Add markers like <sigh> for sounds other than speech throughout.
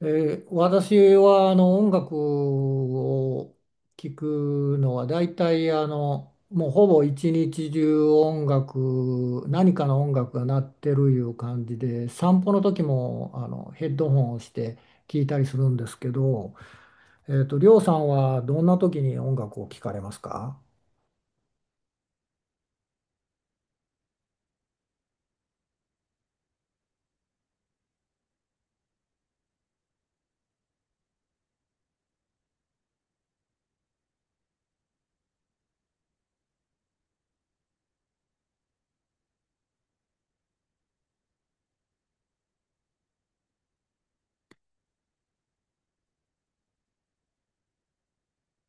私は音楽を聴くのは大体もうほぼ一日中音楽何かの音楽が鳴ってるいう感じで散歩の時もヘッドホンをして聴いたりするんですけど、りょうさんはどんな時に音楽を聴かれますか？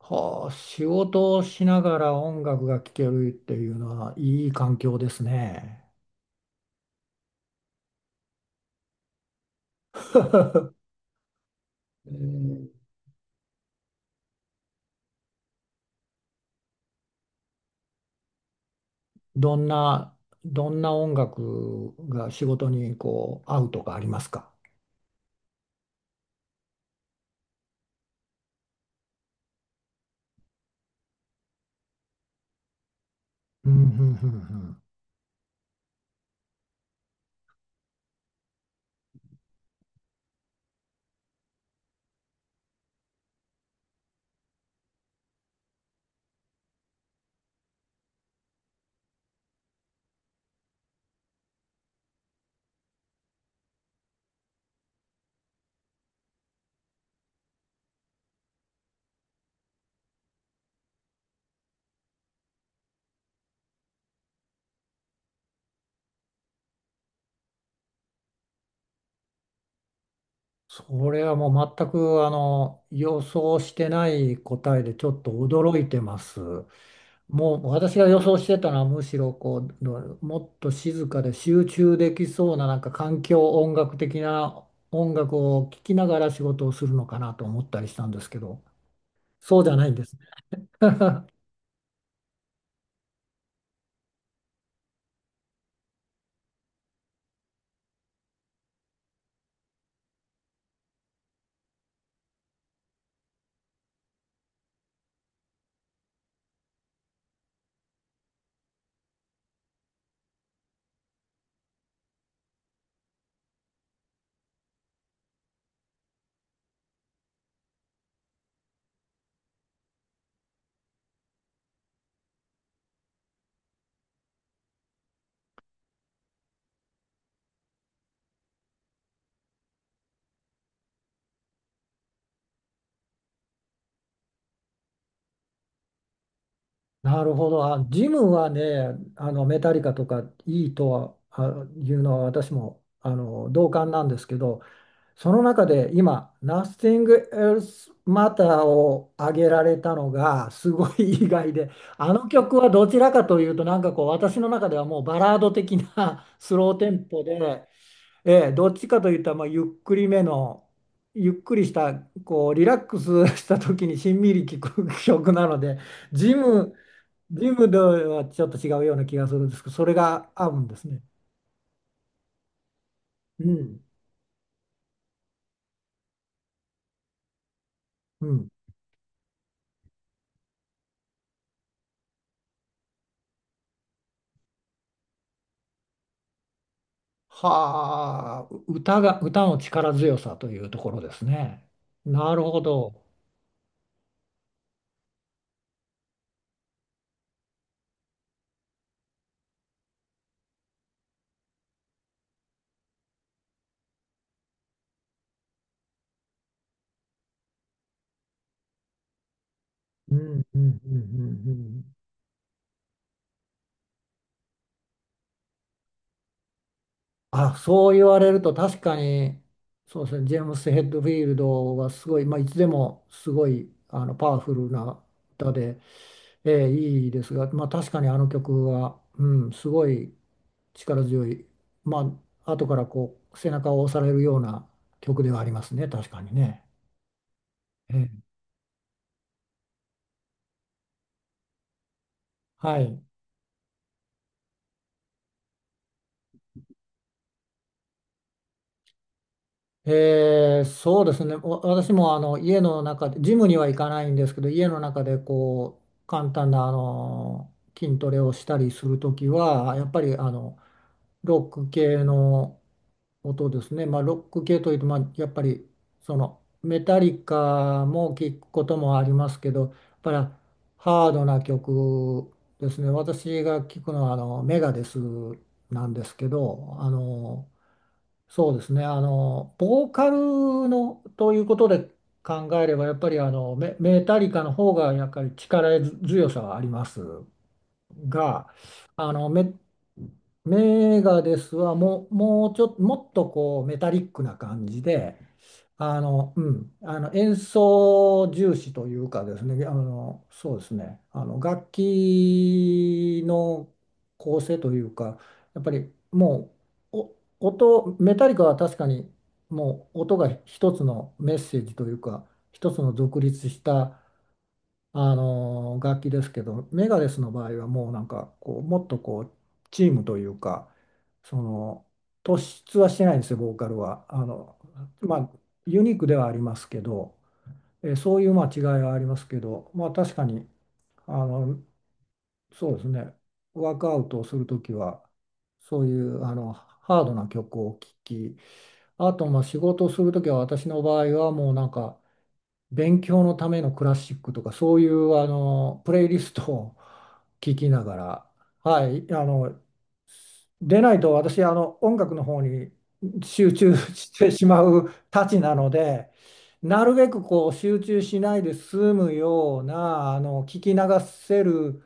はあ、仕事をしながら音楽が聴けるっていうのはいい環境ですね。どんな、どんな音楽が仕事にこう合うとかありますか？うん、うん、うん、うん。それはもう全く予想してない答えでちょっと驚いてます。もう私が予想してたのはむしろこうどもっと静かで集中できそうななんか環境音楽的な音楽を聴きながら仕事をするのかなと思ったりしたんですけど、そうじゃないんですね。<laughs> なるほど。あ、ジムはね、メタリカとかいいとはあいうのは私も同感なんですけど、その中で今、Nothing Else Matter を挙げられたのがすごい意外で、あの曲はどちらかというと、なんかこう、私の中ではもうバラード的な <laughs> スローテンポで、ええ、どっちかといったらまあゆっくりめの、ゆっくりした、こう、リラックスした時にしんみり聴く曲なので、ジムジムではちょっと違うような気がするんですけど、それが合うんですね。うん。うん。はあ、う歌が、歌の力強さというところですね。なるほど。うん、うん、うん、うん。うん。あ、そう言われると確かに、そうですね、ジェームス・ヘッドフィールドはすごい、まあ、いつでもすごい、パワフルな歌で、いいですが、まあ、確かにあの曲は、うん、すごい、力強い、まあ、後からこう、背中を押されるような曲ではありますね、確かにね。えーはい。そうですね。私も家の中で、ジムには行かないんですけど、家の中でこう、簡単な筋トレをしたりするときは、やっぱりロック系の音ですね。まあ、ロック系というと、まあ、やっぱりそのメタリカも聞くこともありますけど、やっぱりハードな曲ですね。私が聞くのはメガデスなんですけど、そうですね、ボーカルのということで考えれば、やっぱりメタリカの方がやっぱり力強さはあります。が、あのメ、メガデスはもう、もうちょっと、もっとこうメタリックな感じで、演奏重視というかですね、そうですね、楽器の構成というか、やっぱりもうメタリカは確かにもう音が一つのメッセージというか、一つの独立した楽器ですけどメガレスの場合はもうなんかこうもっとこうチームというかその突出はしてないんですよボーカルは。まあユニークではありますけど、そういうまあ違いはありますけど、まあ、確かにあのそうですね。ワークアウトをする時はそういうハードな曲を聴き、あとまあ仕事をする時は私の場合はもうなんか勉強のためのクラシックとか、そういうプレイリストを聞きながら、はい、でないと私、音楽の方に集中してしまうたちなので、なるべくこう集中しないで済むような、聞き流せる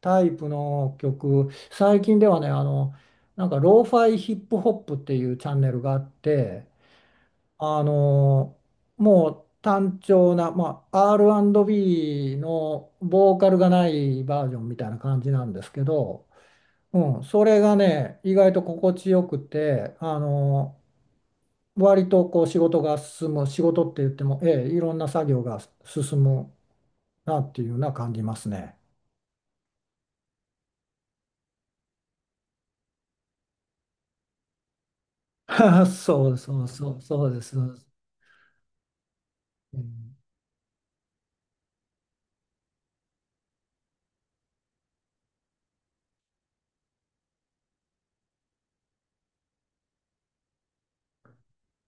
タイプの曲、最近ではね、なんか、ローファイヒップホップっていうチャンネルがあって、あのもう単調な、まあ、R&B のボーカルがないバージョンみたいな感じなんですけど、うん、それがね意外と心地よくて割とこう仕事が進む、仕事って言っても、ええ、いろんな作業が進むなっていうのは感じますね。<laughs> そうそうそうそうです。うん。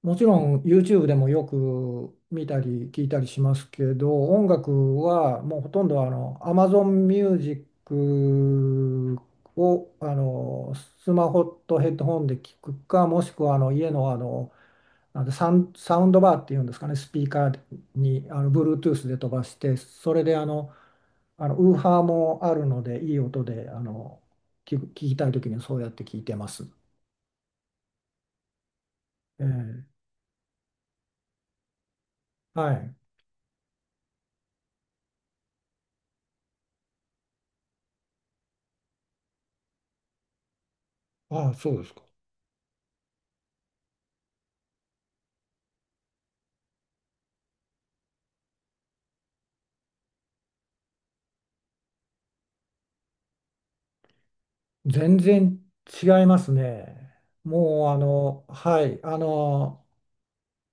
もちろん YouTube でもよく見たり聞いたりしますけど、音楽はもうほとんどAmazon Music をスマホとヘッドホンで聞くか、もしくは家の、なんサウン、サウンドバーっていうんですかね、スピーカーにBluetooth で飛ばして、それでウーハーもあるので、いい音で聞きたいときにそうやって聞いてます。ええ、はい。ああ、そうですか。全然違いますね。もうはい、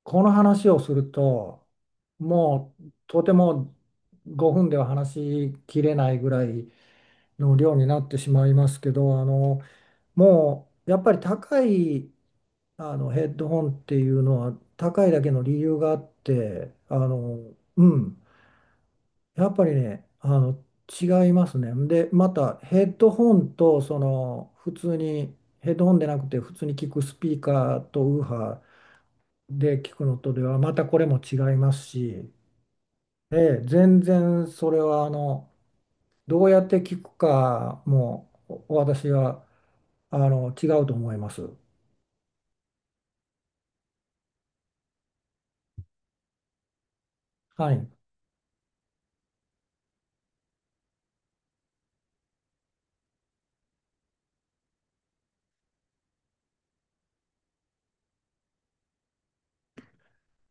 この話をすると、もうとても5分では話しきれないぐらいの量になってしまいますけど、もうやっぱり高いヘッドホンっていうのは高いだけの理由があって、うん。やっぱりね、違いますね。で、またヘッドホンと、その、普通に、ヘッドホンでなくて、普通に聞くスピーカーとウーハーで聞くのとでは、またこれも違いますし、ええ、全然それは、どうやって聞くかも、私は、違うと思います。はい。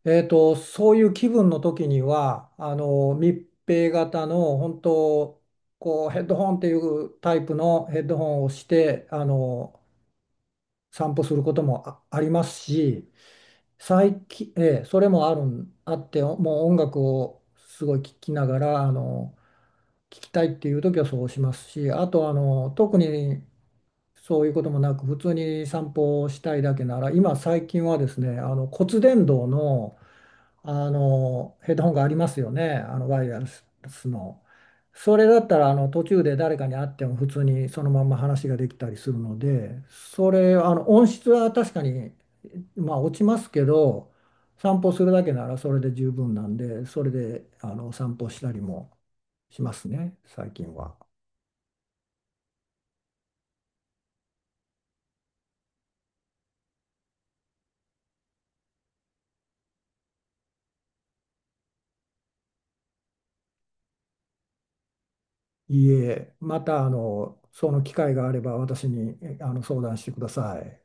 そういう気分の時には密閉型の本当こうヘッドホンっていうタイプのヘッドホンをして散歩することもありますし、最近、それもあるんあってもう音楽をすごい聴きながら聴きたいっていう時はそうしますし、あと特にそういうこともなく普通に散歩をしたいだけなら今最近はですね骨伝導のヘッドホンがありますよね、ワイヤレスの。それだったら途中で誰かに会っても普通にそのまんま話ができたりするので、それ音質は確かに、まあ、落ちますけど、散歩するだけならそれで十分なんで、それで散歩したりもしますね、最近は。いいえ、またその機会があれば私にえあの相談してください。